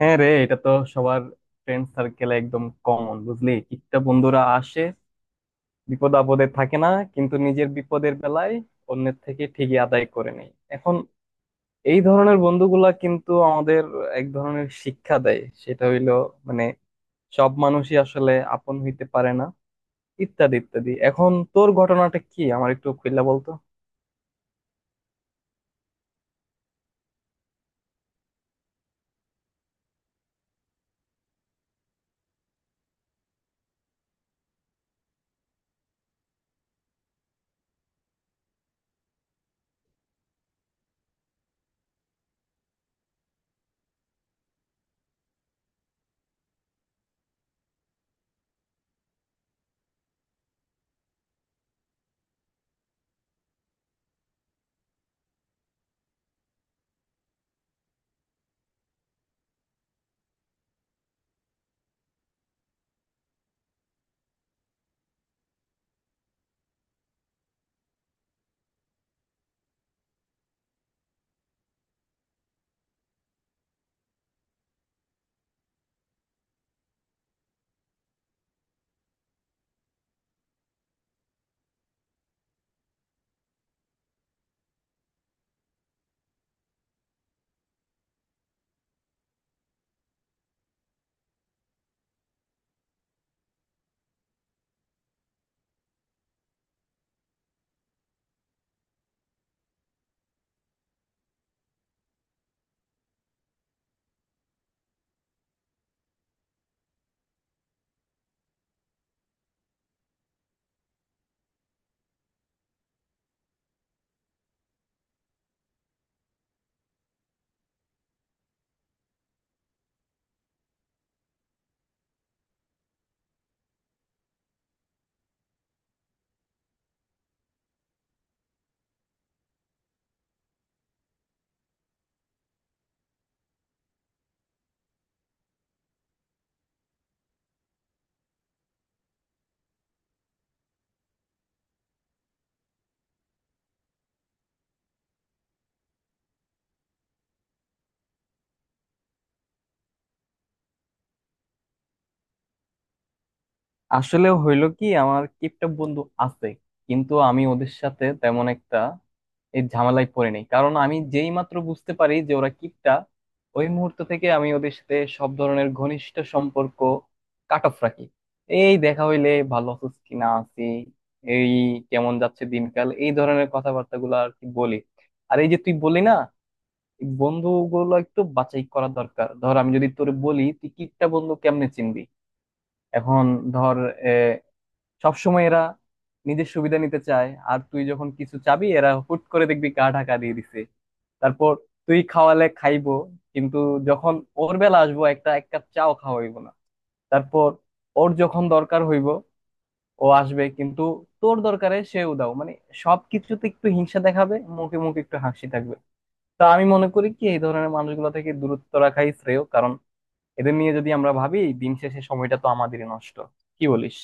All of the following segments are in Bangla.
হ্যাঁ রে, এটা তো সবার ফ্রেন্ড সার্কেলে একদম কমন। বুঝলি, কিটটা বন্ধুরা আসে, বিপদ আপদে থাকে না, কিন্তু নিজের বিপদের বেলায় অন্যের থেকে ঠিকই আদায় করে নেয়। এখন এই ধরনের বন্ধুগুলা কিন্তু আমাদের এক ধরনের শিক্ষা দেয়, সেটা হইলো মানে সব মানুষই আসলে আপন হইতে পারে না, ইত্যাদি ইত্যাদি। এখন তোর ঘটনাটা কি আমার একটু খুললা বলতো আসলে হইলো কি, আমার কিপটা বন্ধু আছে, কিন্তু আমি ওদের সাথে তেমন একটা এই ঝামেলায় পড়ে নেই, কারণ আমি যেই মাত্র বুঝতে পারি যে ওরা কিপটা, ওই মুহূর্ত থেকে আমি ওদের সাথে সব ধরনের ঘনিষ্ঠ সম্পর্ক কাট অফ রাখি। এই, দেখা হইলে ভালো আছিস কি না আছি, এই, কেমন যাচ্ছে দিনকাল, এই ধরনের কথাবার্তা গুলো আর কি বলি। আর এই যে, তুই বলি না, এই বন্ধুগুলো একটু বাছাই করা দরকার। ধর, আমি যদি তোরে বলি তুই কিপটা বন্ধু কেমনে চিনবি। এখন ধর, সবসময় এরা নিজের সুবিধা নিতে চায়, আর তুই যখন কিছু চাবি এরা হুট করে দেখবি গা ঢাকা দিয়ে দিছে। তারপর তুই খাওয়ালে খাইবো কিন্তু, যখন ওর বেলা আসবো একটা এক কাপ চাও খাওয়াইবো না। তারপর ওর যখন দরকার হইব ও আসবে, কিন্তু তোর দরকারে সে উদাও। মানে সবকিছুতে একটু হিংসা দেখাবে, মুখে মুখে একটু হাসি থাকবে। তা আমি মনে করি কি, এই ধরনের মানুষগুলো থেকে দূরত্ব রাখাই শ্রেয়, কারণ এদের নিয়ে যদি আমরা ভাবি, দিন শেষে সময়টা তো আমাদেরই নষ্ট। কি বলিস?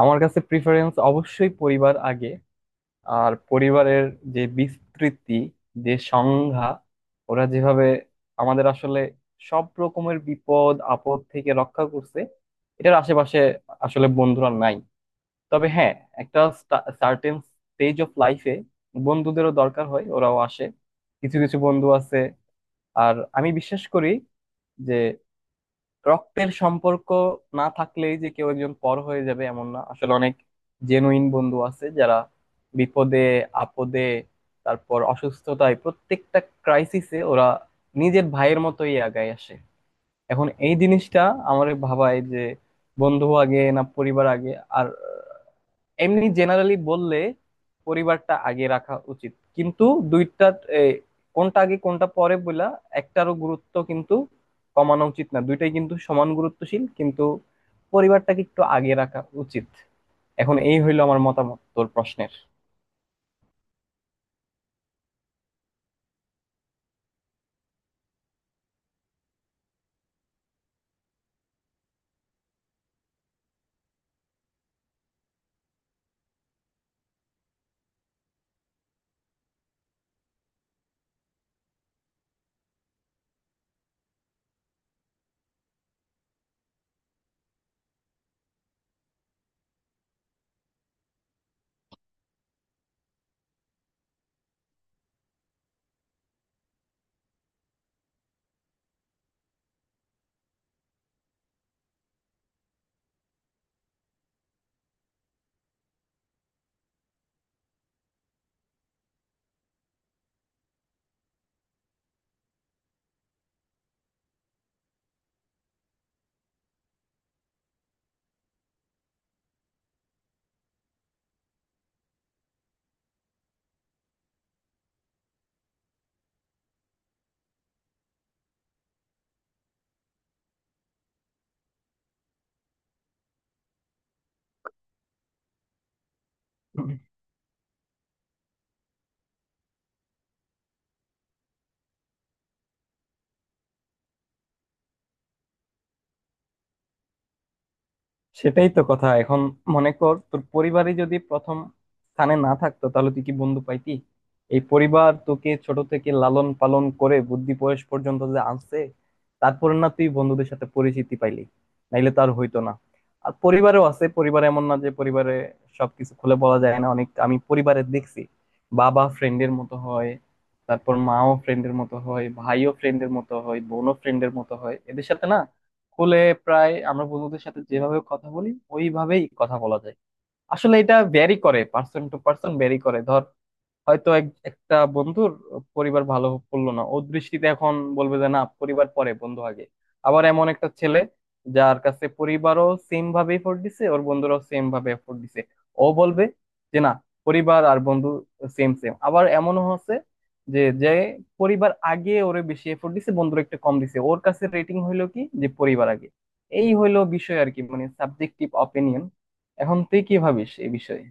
আমার কাছে প্রিফারেন্স অবশ্যই পরিবার আগে। আর পরিবারের যে বিস্তৃতি, যে সংজ্ঞা, ওরা যেভাবে আমাদের আসলে সব রকমের বিপদ আপদ থেকে রক্ষা করছে, এটার আশেপাশে আসলে বন্ধুরা নাই। তবে হ্যাঁ, একটা সার্টেন স্টেজ অফ লাইফে বন্ধুদেরও দরকার হয়, ওরাও আসে। কিছু কিছু বন্ধু আছে, আর আমি বিশ্বাস করি যে, রক্তের সম্পর্ক না থাকলেই যে কেউ একজন পর হয়ে যাবে এমন না। আসলে অনেক জেনুইন বন্ধু আছে যারা বিপদে আপদে, তারপর অসুস্থতায়, প্রত্যেকটা ক্রাইসিসে ওরা নিজের ভাইয়ের মতোই আগায় আসে। এখন এই জিনিসটা আমার ভাবায় যে, বন্ধু আগে না পরিবার আগে। আর এমনি জেনারেলি বললে পরিবারটা আগে রাখা উচিত, কিন্তু দুইটা এ, কোনটা আগে কোনটা পরে বলা, একটারও গুরুত্ব কিন্তু কমানো উচিত না। দুইটাই কিন্তু সমান গুরুত্বশীল, কিন্তু পরিবারটাকে একটু আগে রাখা উচিত। এখন এই হইলো আমার মতামত তোর প্রশ্নের। সেটাই তো কথা। এখন মনে কর, তোর পরিবারই যদি প্রথম স্থানে না থাকতো, তাহলে তুই কি বন্ধু পাইতি? এই পরিবার তোকে ছোট থেকে লালন পালন করে বুদ্ধি বয়স পর্যন্ত যে আনছে, তারপর না তুই বন্ধুদের সাথে পরিচিতি পাইলি, নাইলে তো আর হইতো না। আর পরিবারও আছে, পরিবার এমন না যে পরিবারে সবকিছু খুলে বলা যায় না। অনেক আমি পরিবারে দেখছি, বাবা ফ্রেন্ডের মতো হয়, তারপর মাও ফ্রেন্ডের মতো হয়, ভাইও ফ্রেন্ডের মতো হয়, বোনও ফ্রেন্ডের মতো হয়। এদের সাথে না, স্কুলে প্রায় আমরা বন্ধুদের সাথে যেভাবে কথা বলি, ওইভাবেই কথা বলা যায়। আসলে এটা ভ্যারি করে, পার্সন টু পার্সন ভ্যারি করে। ধর, হয়তো এক একটা বন্ধুর পরিবার ভালো পড়লো না ওর দৃষ্টিতে, এখন বলবে যে না, পরিবার পরে বন্ধু আগে। আবার এমন একটা ছেলে, যার কাছে পরিবারও সেম ভাবে এফোর্ট দিছে, ওর বন্ধুরাও সেম ভাবে এফোর্ট দিছে, ও বলবে যে না, পরিবার আর বন্ধু সেম সেম। আবার এমনও হচ্ছে যে, পরিবার আগে ওরে বেশি এফোর্ট দিছে, বন্ধুরা একটু কম দিছে, ওর কাছে রেটিং হইলো কি, যে পরিবার আগে। এই হইলো বিষয় আর কি, মানে সাবজেক্টিভ অপিনিয়ন। এখন তুই কি ভাবিস এই বিষয়ে?